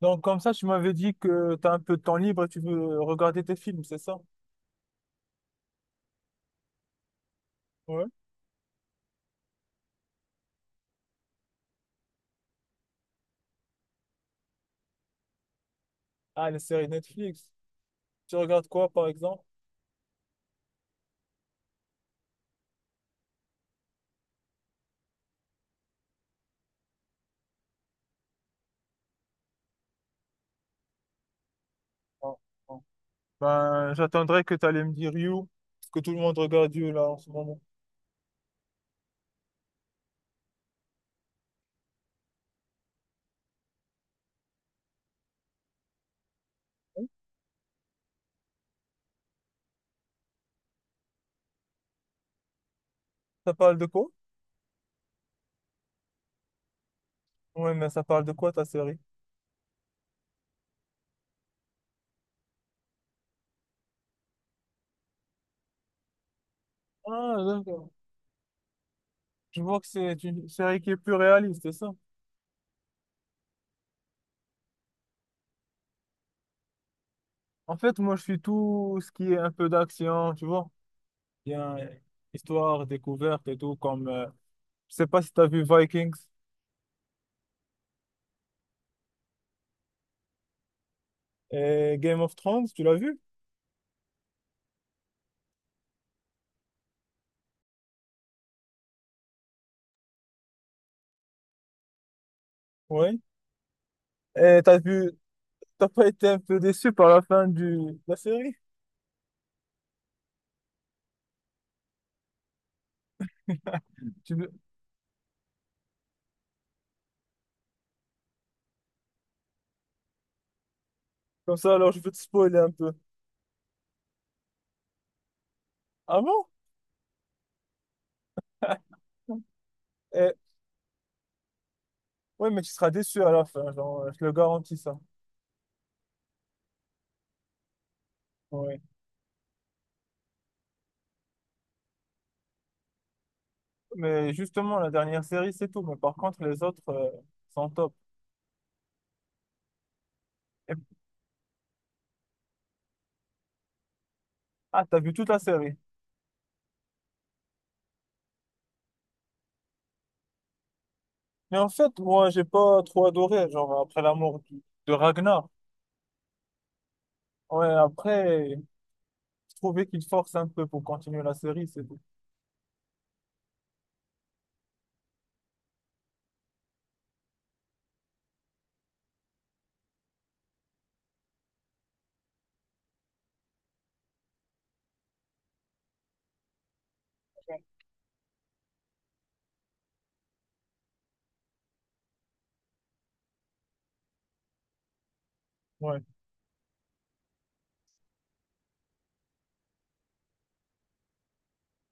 Donc, comme ça, tu m'avais dit que tu as un peu de temps libre et tu veux regarder tes films, c'est ça? Ouais. Ah, les séries Netflix. Tu regardes quoi, par exemple? Ah, ah. Ben, j'attendrai que tu allais me dire You, parce que tout le monde regarde You, là, en ce moment. Ça parle de quoi? Ouais, mais ça parle de quoi, ta série? Ah, d'accord. Je vois que c'est une série qui est plus réaliste, c'est ça? En fait, moi, je suis tout ce qui est un peu d'action, tu vois? Bien, histoire, découverte et tout, comme... je sais pas si tu as vu Vikings et Game of Thrones, tu l'as vu? Ouais. Et t'as vu, t'as pas été un peu déçu par la fin du, de la série? Tu veux- comme ça, alors je peux te spoiler un peu. Ah bon? Eh, ouais, mais tu seras déçu à la fin, genre, je le garantis ça. Ouais. Mais justement, la dernière série, c'est tout. Mais par contre, les autres sont top. Et- ah, t'as vu toute la série. Mais en fait, moi, j'ai pas trop adoré, genre, après la mort de Ragnar. Ouais, après. Je trouvais qu'il force un peu pour continuer la série, c'est tout. Ouais.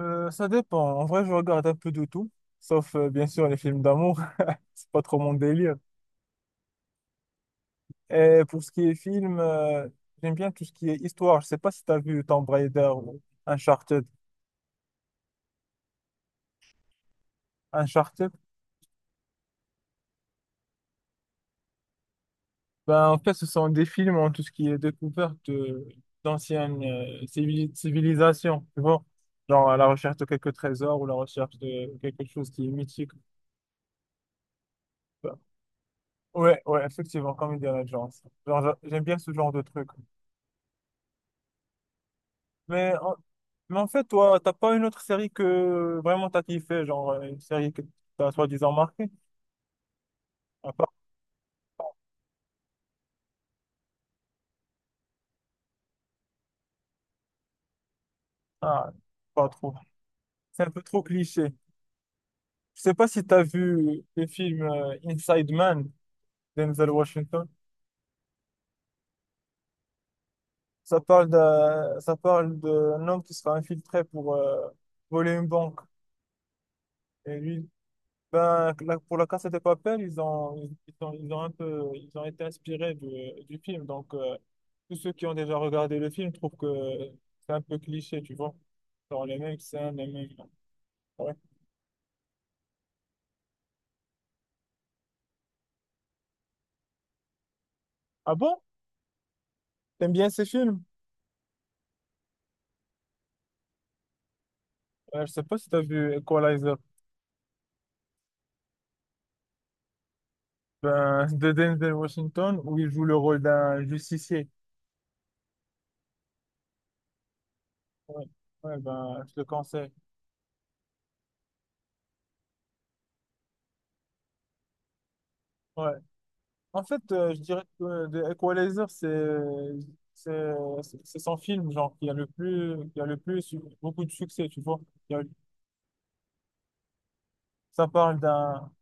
Ça dépend. En vrai, je regarde un peu de tout, sauf bien sûr les films d'amour. C'est pas trop mon délire. Et pour ce qui est film, j'aime bien tout ce qui est histoire. Je sais pas si tu as vu Tomb Raider ou Uncharted. Uncharted, ben, en fait, ce sont des films en tout ce qui est découverte d'anciennes civilisations, tu vois. Genre à la recherche de quelques trésors ou la recherche de quelque chose qui est mythique. Ben, ouais, ouais, effectivement, comme Indiana Jones. Genre, j'aime bien ce genre de truc. Mais en, mais en fait, toi, t'as pas une autre série que vraiment t'as kiffé, genre une série que t'as soi-disant marquée? À part... Ah, pas trop. C'est un peu trop cliché. Je sais pas si t'as vu le film Inside Man, Denzel Washington. Ça parle d'un homme qui sera infiltré pour voler une banque. Et lui, ben, pour la Casa de Papel, ils ont un peu, ils ont été inspirés du film. Donc, tous ceux qui ont déjà regardé le film trouvent que c'est un peu cliché, tu vois. Dans les mêmes scènes, les mêmes. Ouais. Ah bon? T'aimes bien ces films? Je sais pas si t'as vu Equalizer, ben, de Denzel Washington, où il joue le rôle d'un justicier. Ouais, ouais, ben, je le conseille. Ouais. En fait, je dirais que The Equalizer, c'est c'est son film genre qui a le plus eu beaucoup de succès, tu vois. Il y a- Ça parle d'un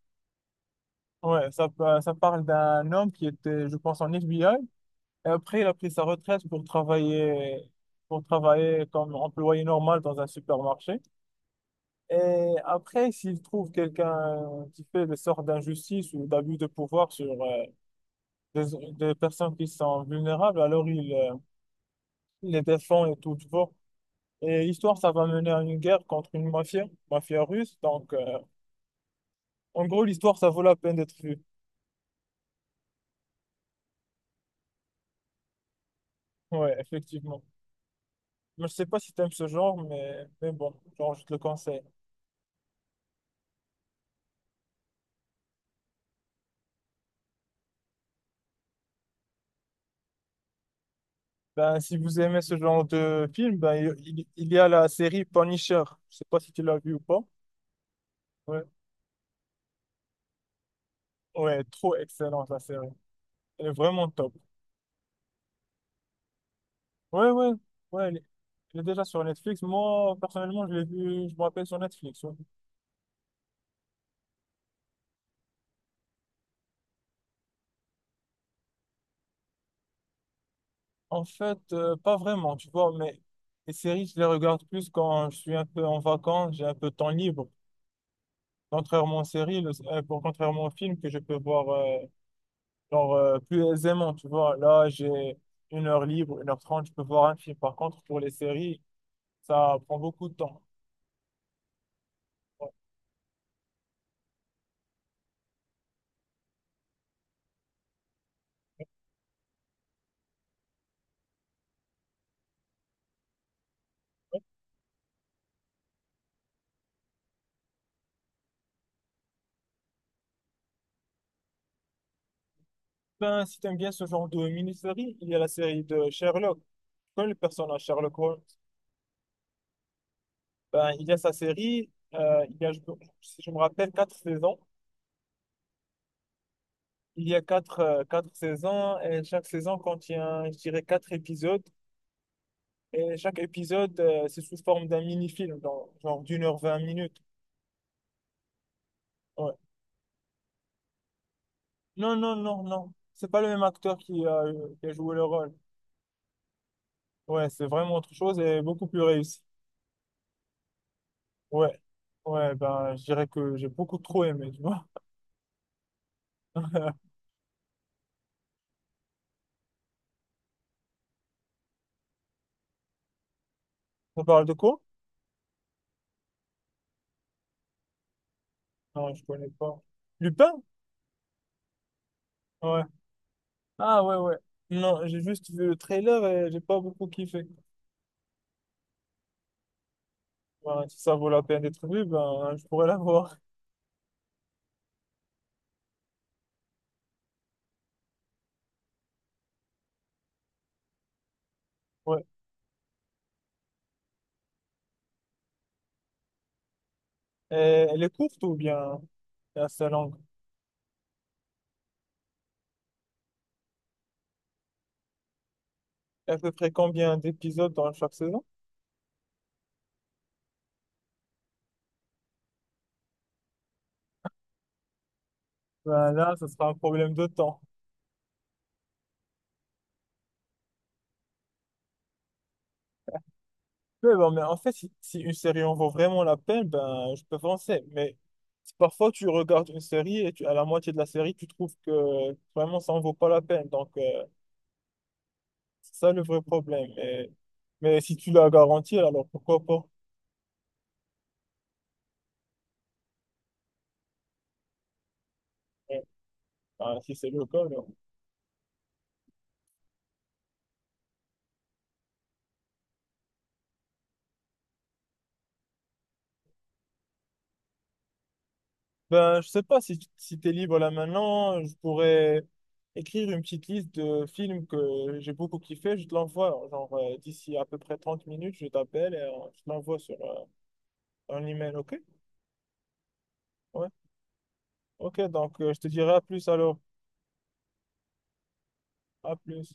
ouais, ça parle d'un homme qui était, je pense, en FBI. Et après, il a pris sa retraite pour travailler comme employé normal dans un supermarché. Et après, s'il trouve quelqu'un qui fait des sortes d'injustice ou d'abus de pouvoir sur des personnes qui sont vulnérables, alors ils les défendent et tout, tu vois. Et l'histoire, ça va mener à une guerre contre une mafia, mafia russe. Donc, en gros, l'histoire, ça vaut la peine d'être vue. Ouais, effectivement. Je sais pas si t'aimes ce genre, mais bon, genre, je te le conseille. Ben, si vous aimez ce genre de film, ben, il y a la série Punisher. Je sais pas si tu l'as vu ou pas. Ouais, ouais, trop excellente la série. Elle est vraiment top. Ouais, ouais, ouais, elle est déjà sur Netflix. Moi, personnellement, je l'ai vu, je me rappelle sur Netflix. Ouais. En fait, pas vraiment, tu vois, mais les séries, je les regarde plus quand je suis un peu en vacances, j'ai un peu de temps libre. Contrairement aux séries, contrairement aux films que je peux voir genre, plus aisément, tu vois. Là, j'ai une heure libre, 1h30, je peux voir un film. Par contre, pour les séries, ça prend beaucoup de temps. Ben, si t'aimes bien ce genre de mini-série, il y a la série de Sherlock. Tu connais le personnage Sherlock Holmes? Ben, il y a sa série, il y a, je- si je me rappelle, quatre saisons. Il y a quatre, quatre saisons et chaque saison contient, je dirais, quatre épisodes. Et chaque épisode, c'est sous forme d'un mini-film, genre d'1h20. Ouais. Non, non, non, non. C'est pas le même acteur qui a joué le rôle. Ouais, c'est vraiment autre chose et beaucoup plus réussi. Ouais, ouais, ben, je dirais que j'ai beaucoup trop aimé, tu vois. On parle de quoi? Non, je connais pas. Lupin? Ouais. Ah, ouais, ouais. Non, j'ai juste vu le trailer et j'ai pas beaucoup kiffé. Ben, si ça vaut la peine d'être vu, ben, je pourrais la voir. Ouais. Et elle est courte ou bien c'est assez longue? Et à peu près combien d'épisodes dans chaque saison? Ben là, ça sera un problème de temps. Ouais, bah, mais en fait, si, si une série en vaut vraiment la peine, ben, je peux penser. Mais si parfois, tu regardes une série et tu, à la moitié de la série, tu trouves que vraiment, ça en vaut pas la peine. Donc, c'est ça le vrai problème. Mais si tu l'as garanti, alors pourquoi pas? Ouais. Ben, si c'est le cas, alors. Ben, je sais pas si, si tu es libre là maintenant, je pourrais écrire une petite liste de films que j'ai beaucoup kiffé. Je te l'envoie, genre, d'ici à peu près 30 minutes, je t'appelle et je te l'envoie sur un email, ok? Ouais. Ok, donc je te dirai à plus alors. À plus.